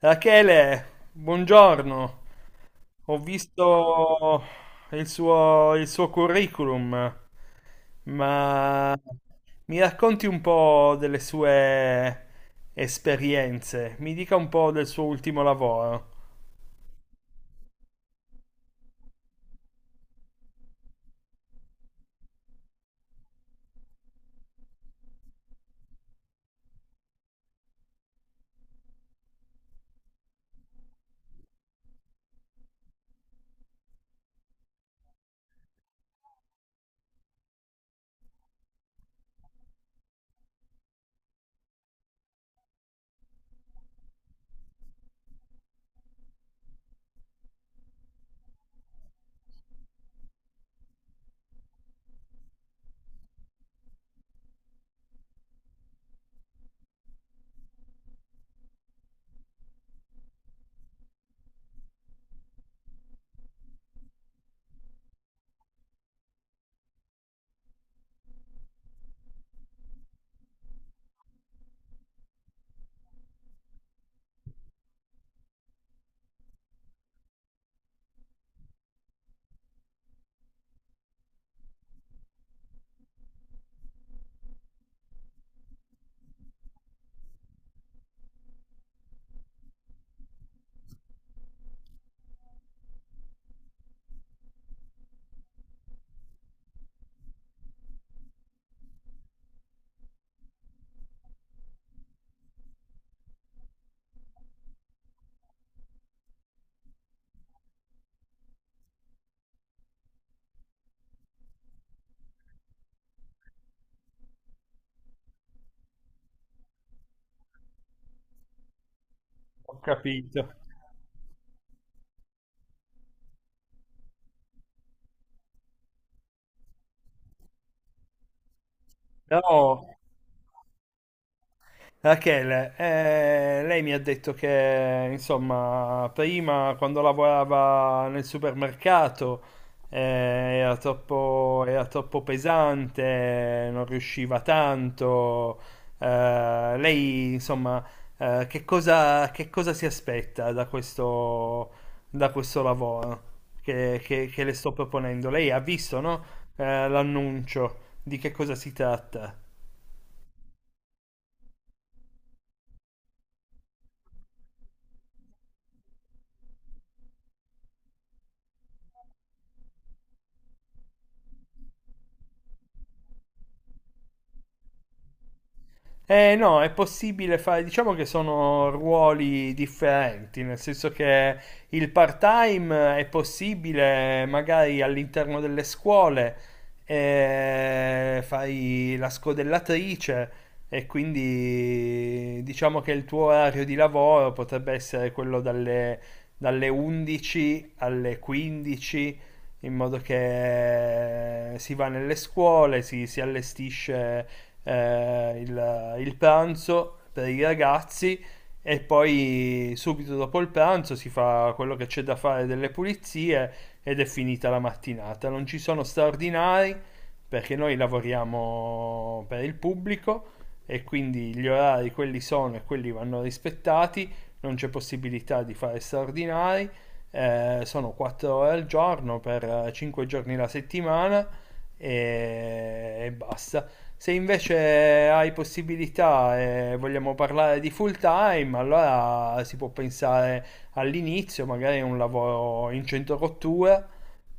Rachele, buongiorno. Ho visto il suo curriculum, ma mi racconti un po' delle sue esperienze, mi dica un po' del suo ultimo lavoro. Ho capito. Però Rachele, lei mi ha detto che, insomma, prima quando lavorava nel supermercato eh, era troppo pesante, non riusciva tanto. Lei, insomma, che cosa si aspetta da questo lavoro che le sto proponendo? Lei ha visto, no? L'annuncio di che cosa si tratta? Eh no, è possibile fare, diciamo che sono ruoli differenti, nel senso che il part-time è possibile magari all'interno delle scuole, fai la scodellatrice e quindi diciamo che il tuo orario di lavoro potrebbe essere quello dalle 11 alle 15, in modo che si va nelle scuole, si allestisce il pranzo per i ragazzi e poi subito dopo il pranzo si fa quello che c'è da fare delle pulizie ed è finita la mattinata. Non ci sono straordinari perché noi lavoriamo per il pubblico e quindi gli orari quelli sono e quelli vanno rispettati, non c'è possibilità di fare straordinari, sono 4 ore al giorno per 5 giorni la settimana e basta. Se invece hai possibilità e vogliamo parlare di full time, allora si può pensare all'inizio magari a un lavoro in centro rottura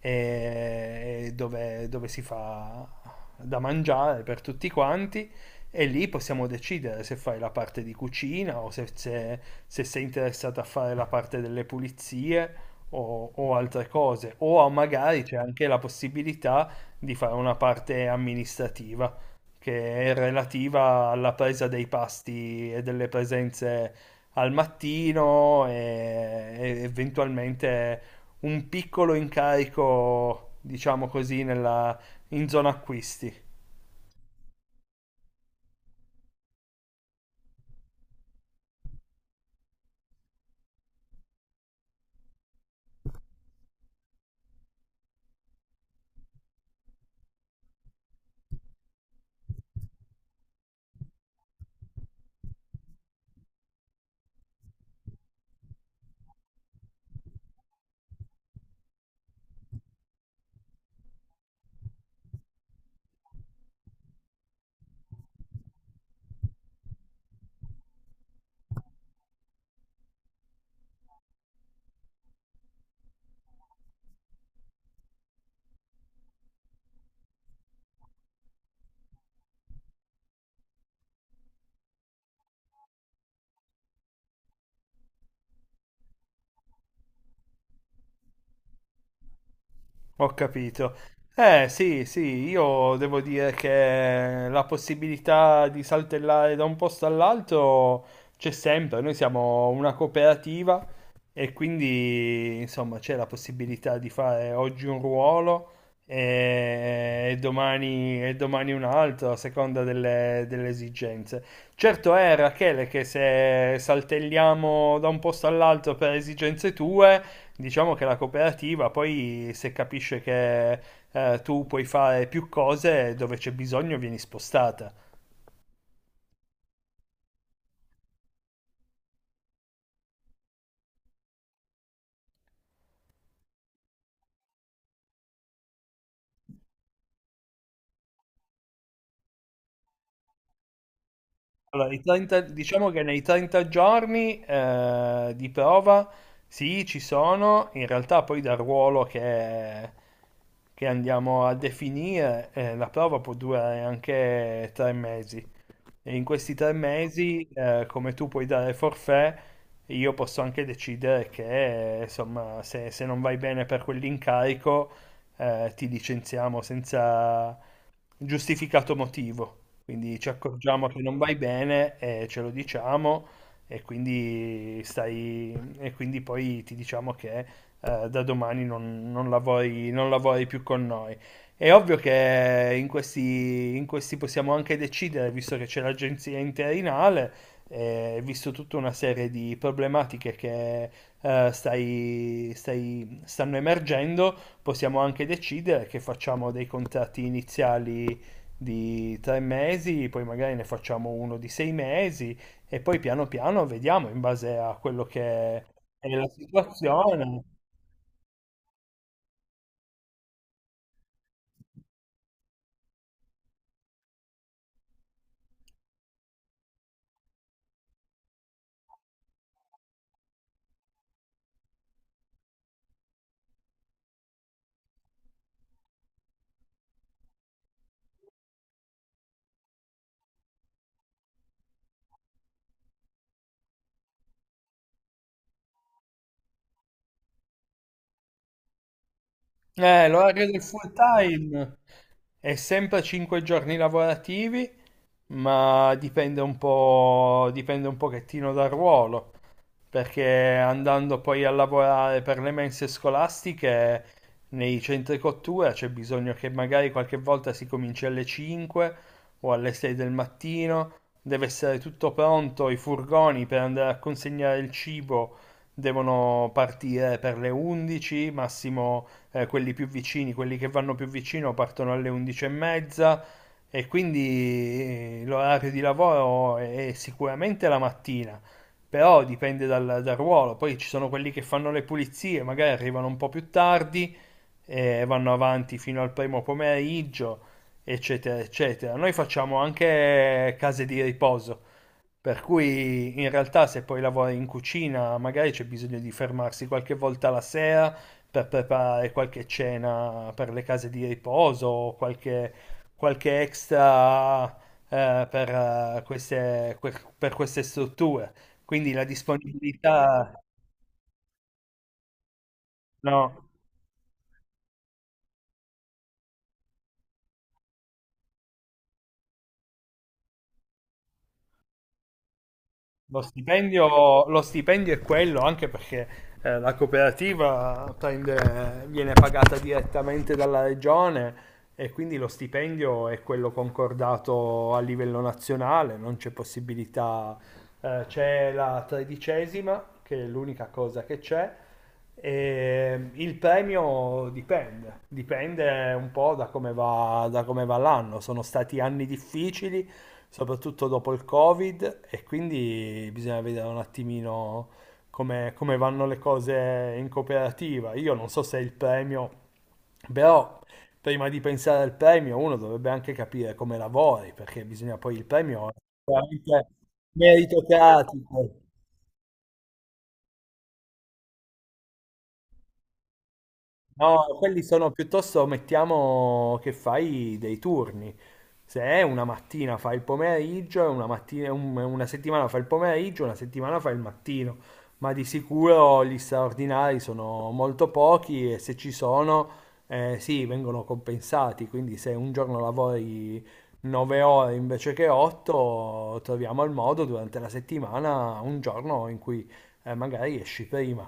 e dove si fa da mangiare per tutti quanti e lì possiamo decidere se fai la parte di cucina o se sei interessato a fare la parte delle pulizie o altre cose. O magari c'è anche la possibilità di fare una parte amministrativa che è relativa alla presa dei pasti e delle presenze al mattino e eventualmente un piccolo incarico, diciamo così, in zona acquisti. Ho capito. Eh sì, sì, io devo dire che la possibilità di saltellare da un posto all'altro c'è sempre. Noi siamo una cooperativa e quindi insomma c'è la possibilità di fare oggi un ruolo e domani un altro a seconda delle esigenze. Certo è, Rachele, che se saltelliamo da un posto all'altro per esigenze tue. Diciamo che la cooperativa poi se capisce che tu puoi fare più cose dove c'è bisogno vieni spostata. Allora, i 30, diciamo che nei 30 giorni di prova sì, ci sono, in realtà poi dal ruolo che andiamo a definire la prova può durare anche 3 mesi. E in questi 3 mesi, come tu puoi dare forfait, io posso anche decidere che, insomma, se non vai bene per quell'incarico, ti licenziamo senza giustificato motivo. Quindi ci accorgiamo che non vai bene e ce lo diciamo e quindi stai e quindi poi ti diciamo che da domani non lavori, non lavori più con noi. È ovvio che in questi possiamo anche decidere, visto che c'è l'agenzia interinale, visto tutta una serie di problematiche che stanno emergendo. Possiamo anche decidere che facciamo dei contratti iniziali di 3 mesi, poi magari ne facciamo uno di 6 mesi e poi piano piano vediamo in base a quello che è la situazione. L'orario del full time è sempre 5 giorni lavorativi ma dipende un po', dipende un pochettino dal ruolo, perché andando poi a lavorare per le mense scolastiche nei centri cottura c'è bisogno che magari qualche volta si cominci alle 5 o alle 6 del mattino, deve essere tutto pronto, i furgoni per andare a consegnare il cibo devono partire per le 11, massimo quelli più vicini, quelli che vanno più vicino partono alle 11 e mezza e quindi l'orario di lavoro è sicuramente la mattina, però dipende dal ruolo. Poi ci sono quelli che fanno le pulizie, magari arrivano un po' più tardi e vanno avanti fino al primo pomeriggio, eccetera, eccetera. Noi facciamo anche case di riposo, per cui in realtà se poi lavori in cucina magari c'è bisogno di fermarsi qualche volta la sera per preparare qualche cena per le case di riposo o qualche extra per queste strutture. Quindi la disponibilità, no. Lo stipendio è quello, anche perché la cooperativa viene pagata direttamente dalla regione e quindi lo stipendio è quello concordato a livello nazionale, non c'è possibilità, c'è la tredicesima, che è l'unica cosa che c'è. E il premio dipende, dipende un po' da come va l'anno. Sono stati anni difficili, soprattutto dopo il Covid, e quindi bisogna vedere un attimino come vanno le cose in cooperativa. Io non so se il premio, però prima di pensare al premio uno dovrebbe anche capire come lavori, perché bisogna poi il premio veramente merito cratico. No, quelli sono piuttosto, mettiamo che fai dei turni. Se è una mattina fai il pomeriggio, e una settimana fai il pomeriggio, una settimana fai il mattino. Ma di sicuro gli straordinari sono molto pochi e se ci sono, eh sì, vengono compensati. Quindi se un giorno lavori 9 ore invece che 8, troviamo il modo durante la settimana, un giorno in cui magari esci prima.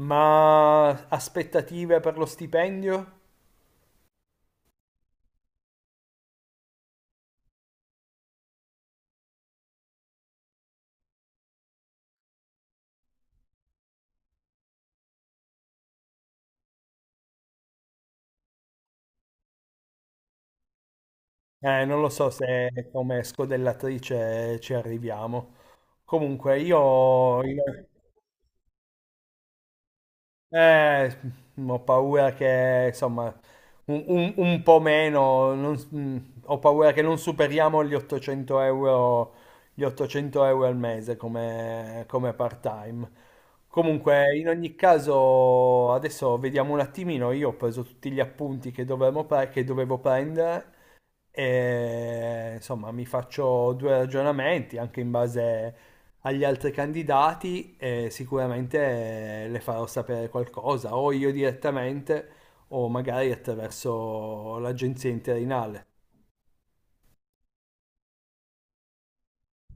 Ma aspettative per lo stipendio? Non lo so se come scodellatrice ci arriviamo. Comunque, eh, ho paura che, insomma, un po' meno, non s- mm, ho paura che non superiamo gli 800 euro, gli 800 euro al mese come part-time. Comunque, in ogni caso, adesso vediamo un attimino, io ho preso tutti gli appunti che dovevo, che dovevo prendere e, insomma, mi faccio due ragionamenti anche in base agli altri candidati e sicuramente le farò sapere qualcosa, o io direttamente o magari attraverso l'agenzia interinale.